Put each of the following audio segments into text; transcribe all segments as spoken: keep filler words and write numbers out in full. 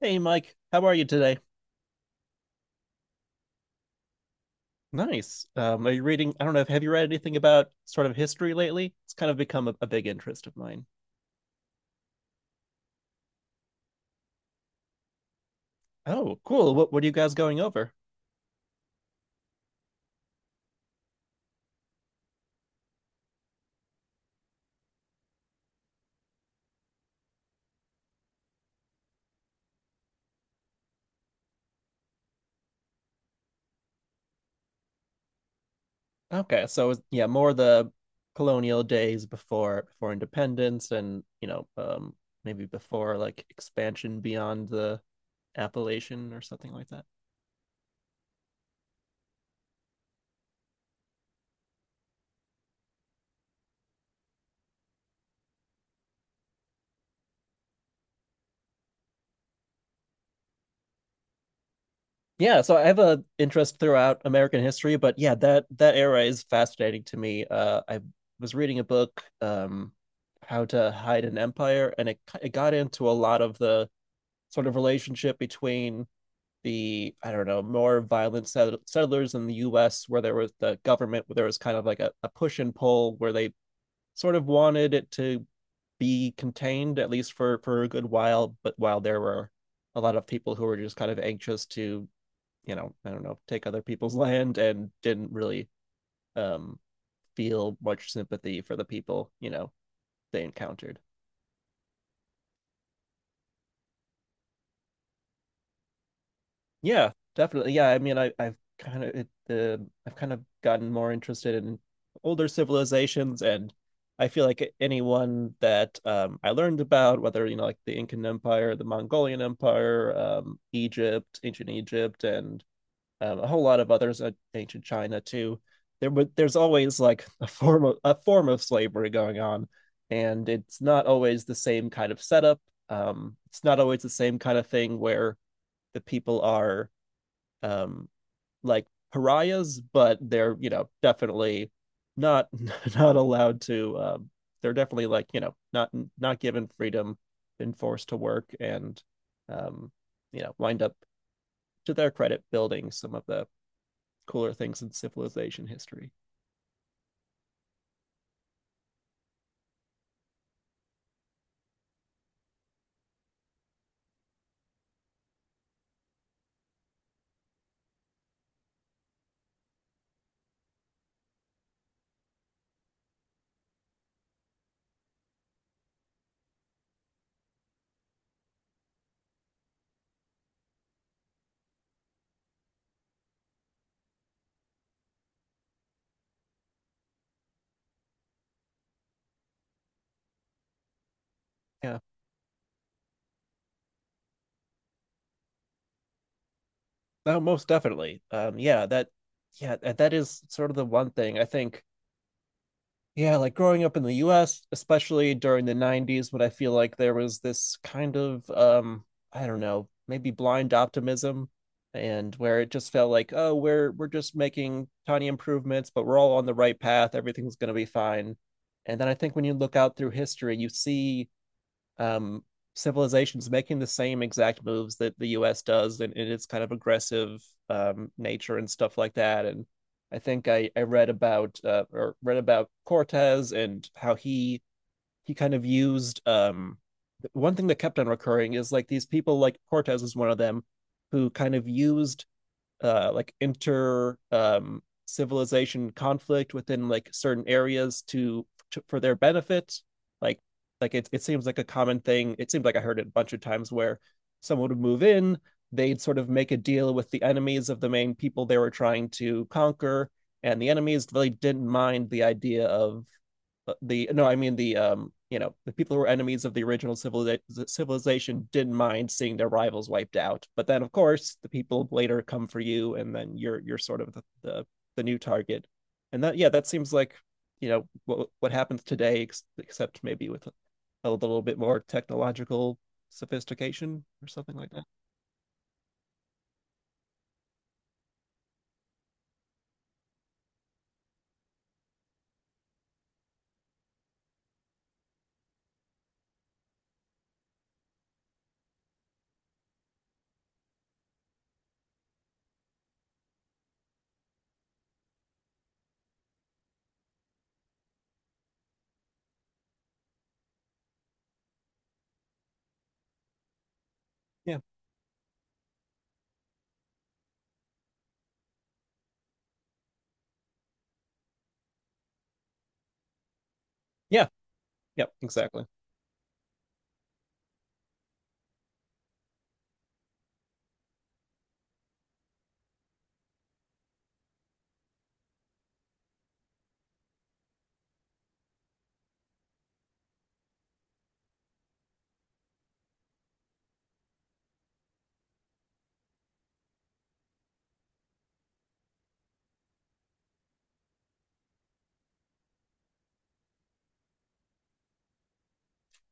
Hey, Mike, how are you today? Nice. Um, are you reading? I don't know. Have you read anything about sort of history lately? It's kind of become a, a big interest of mine. Oh, cool. What what are you guys going over? Okay, so it's- yeah, more the colonial days before before independence, and you know, um, maybe before like expansion beyond the Appalachian or something like that. Yeah, so I have a interest throughout American history, but yeah, that that era is fascinating to me. Uh, I was reading a book, um, How to Hide an Empire, and it it got into a lot of the sort of relationship between the, I don't know, more violent sett settlers in the U S, where there was the government, where there was kind of like a, a push and pull, where they sort of wanted it to be contained at least for for a good while, but while there were a lot of people who were just kind of anxious to you know I don't know, take other people's land, and didn't really um feel much sympathy for the people you know they encountered. Yeah, definitely. Yeah, I mean, I, i've kind of it, uh, i've kind of gotten more interested in older civilizations. And I feel like anyone that um, I learned about, whether you know like the Incan Empire, the Mongolian Empire, um, Egypt, ancient Egypt, and um, a whole lot of others in ancient China too. There, but there's always like a form of a form of slavery going on, and it's not always the same kind of setup. Um, it's not always the same kind of thing where the people are um, like pariahs, but they're you know definitely not not allowed to. Um, they're definitely like you know not not given freedom, been forced to work, and um, you know wind up, to their credit, building some of the cooler things in civilization history. Yeah. No, most definitely. Um, yeah, that, yeah, that is sort of the one thing I think. Yeah, like growing up in the U S, especially during the nineties, when I feel like there was this kind of, um, I don't know, maybe blind optimism, and where it just felt like, oh, we're we're just making tiny improvements, but we're all on the right path. Everything's going to be fine. And then I think when you look out through history, you see um, civilizations making the same exact moves that the U S does in, in its kind of aggressive um, nature and stuff like that. And I think I I read about uh, or read about Cortez, and how he he kind of used um, one thing that kept on recurring is like these people like Cortez is one of them, who kind of used uh, like inter um, civilization conflict within like certain areas to, to for their benefit. Like like it it seems like a common thing. It seems like I heard it a bunch of times where someone would move in, they'd sort of make a deal with the enemies of the main people they were trying to conquer, and the enemies really didn't mind the idea of uh, the no, I mean the um, you know, the people who were enemies of the original civiliza- civilization didn't mind seeing their rivals wiped out. But then, of course, the people later come for you, and then you're you're sort of the the, the new target. And that Yeah, that seems like you know what what happens today, ex- except maybe with a a little bit more technological sophistication or something like that. Yeah. Yeah. Yeah, exactly.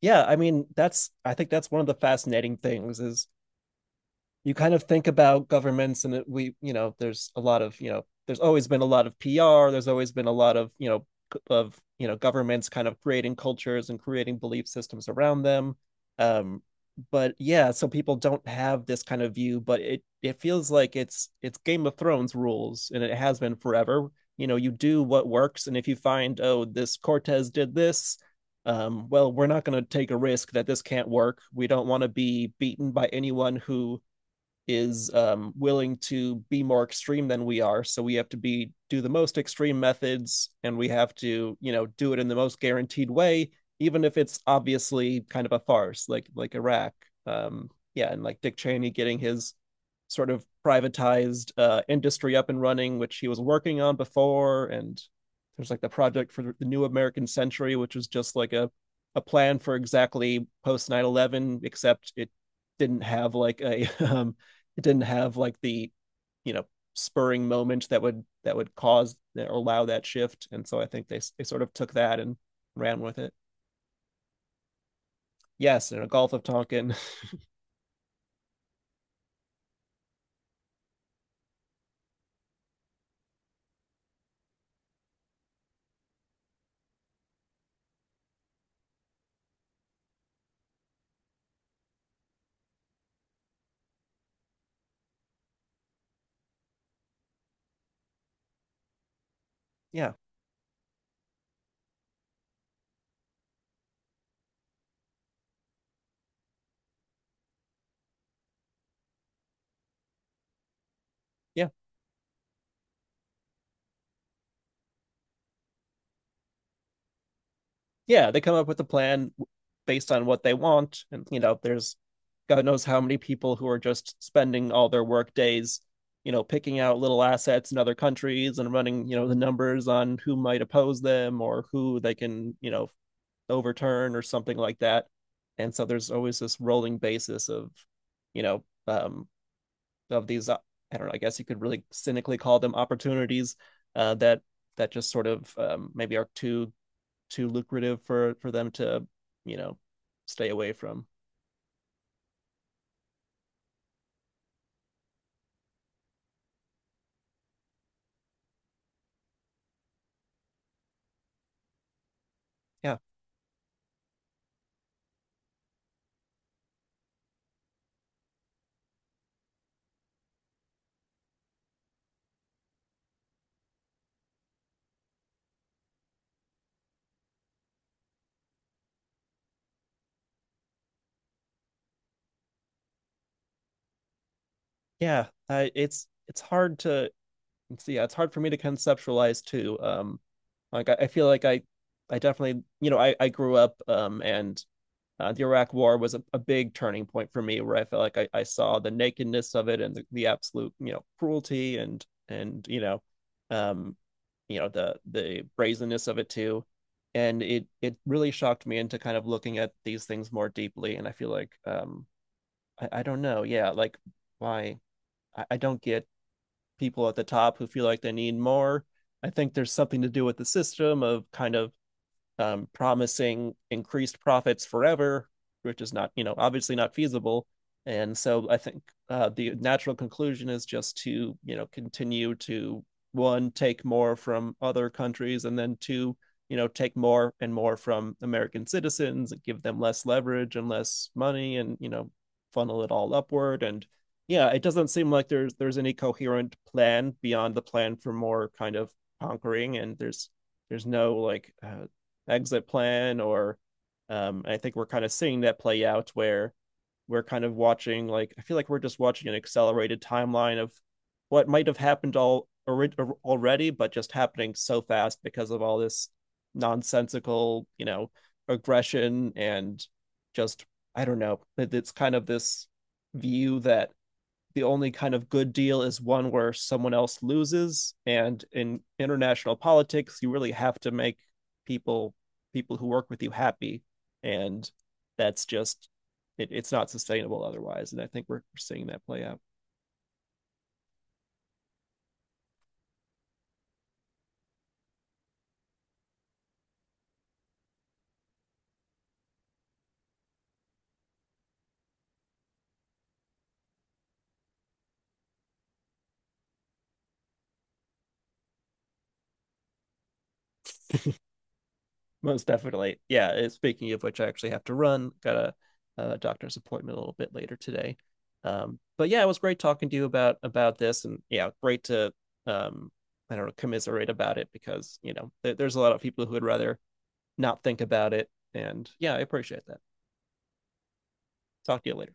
Yeah. I mean, that's I think that's one of the fascinating things is you kind of think about governments, and we you know there's a lot of you know there's always been a lot of P R, there's always been a lot of you know of you know, governments kind of creating cultures and creating belief systems around them. um but yeah, so people don't have this kind of view, but it it feels like it's it's Game of Thrones rules, and it has been forever. You know, you do what works, and if you find, oh, this Cortez did this, um, well, we're not going to take a risk that this can't work. We don't want to be beaten by anyone who is um, willing to be more extreme than we are. So we have to be do the most extreme methods, and we have to you know do it in the most guaranteed way, even if it's obviously kind of a farce, like like Iraq. Um, yeah, and like Dick Cheney getting his sort of privatized uh, industry up and running, which he was working on before, and there's like the project for the new American century, which was just like a a plan for exactly post nine eleven, except it didn't have like a um, it didn't have like the you know spurring moment that would that would cause or allow that shift. And so I think they, they sort of took that and ran with it. Yes, in a gulf of tonkin. Yeah. Yeah. Yeah, they come up with a plan based on what they want, and you know there's god knows how many people who are just spending all their work days you know picking out little assets in other countries and running you know the numbers on who might oppose them, or who they can you know overturn or something like that. And so there's always this rolling basis of, you know, um, of these, uh, I don't know, I guess you could really cynically call them opportunities, uh, that that just sort of um, maybe are too too lucrative for for them to, you know, stay away from. Yeah, yeah, I, it's it's hard to see. Yeah, it's hard for me to conceptualize too. Um, like I, I feel like I I definitely, you know, I I grew up um and uh, the Iraq War was a, a big turning point for me, where I felt like I, I saw the nakedness of it, and the, the, absolute, you know, cruelty, and and you know, um, you know, the the brazenness of it too, and it it really shocked me into kind of looking at these things more deeply. And I feel like um, I, I don't know, yeah, like why I, I don't get people at the top who feel like they need more. I think there's something to do with the system of kind of um, promising increased profits forever, which is not, you know, obviously not feasible. And so I think uh, the natural conclusion is just to, you know, continue to one, take more from other countries, and then two, you know, take more and more from American citizens, and give them less leverage and less money, and, you know, funnel it all upward. And yeah, it doesn't seem like there's there's any coherent plan beyond the plan for more kind of conquering. And there's there's no like uh, exit plan or um I think we're kind of seeing that play out, where we're kind of watching, like I feel like we're just watching an accelerated timeline of what might have happened all already, but just happening so fast because of all this nonsensical, you know, aggression, and just I don't know. It's kind of this view that the only kind of good deal is one where someone else loses, and in international politics you really have to make people people who work with you happy, and that's just it, it's not sustainable otherwise, and I think we're seeing that play out. Most definitely. Yeah, speaking of which, I actually have to run, got a, a doctor's appointment a little bit later today. Um, but yeah, it was great talking to you about about this, and yeah, great to um, I don't know, commiserate about it, because you know there, there's a lot of people who would rather not think about it. And yeah, I appreciate that. Talk to you later.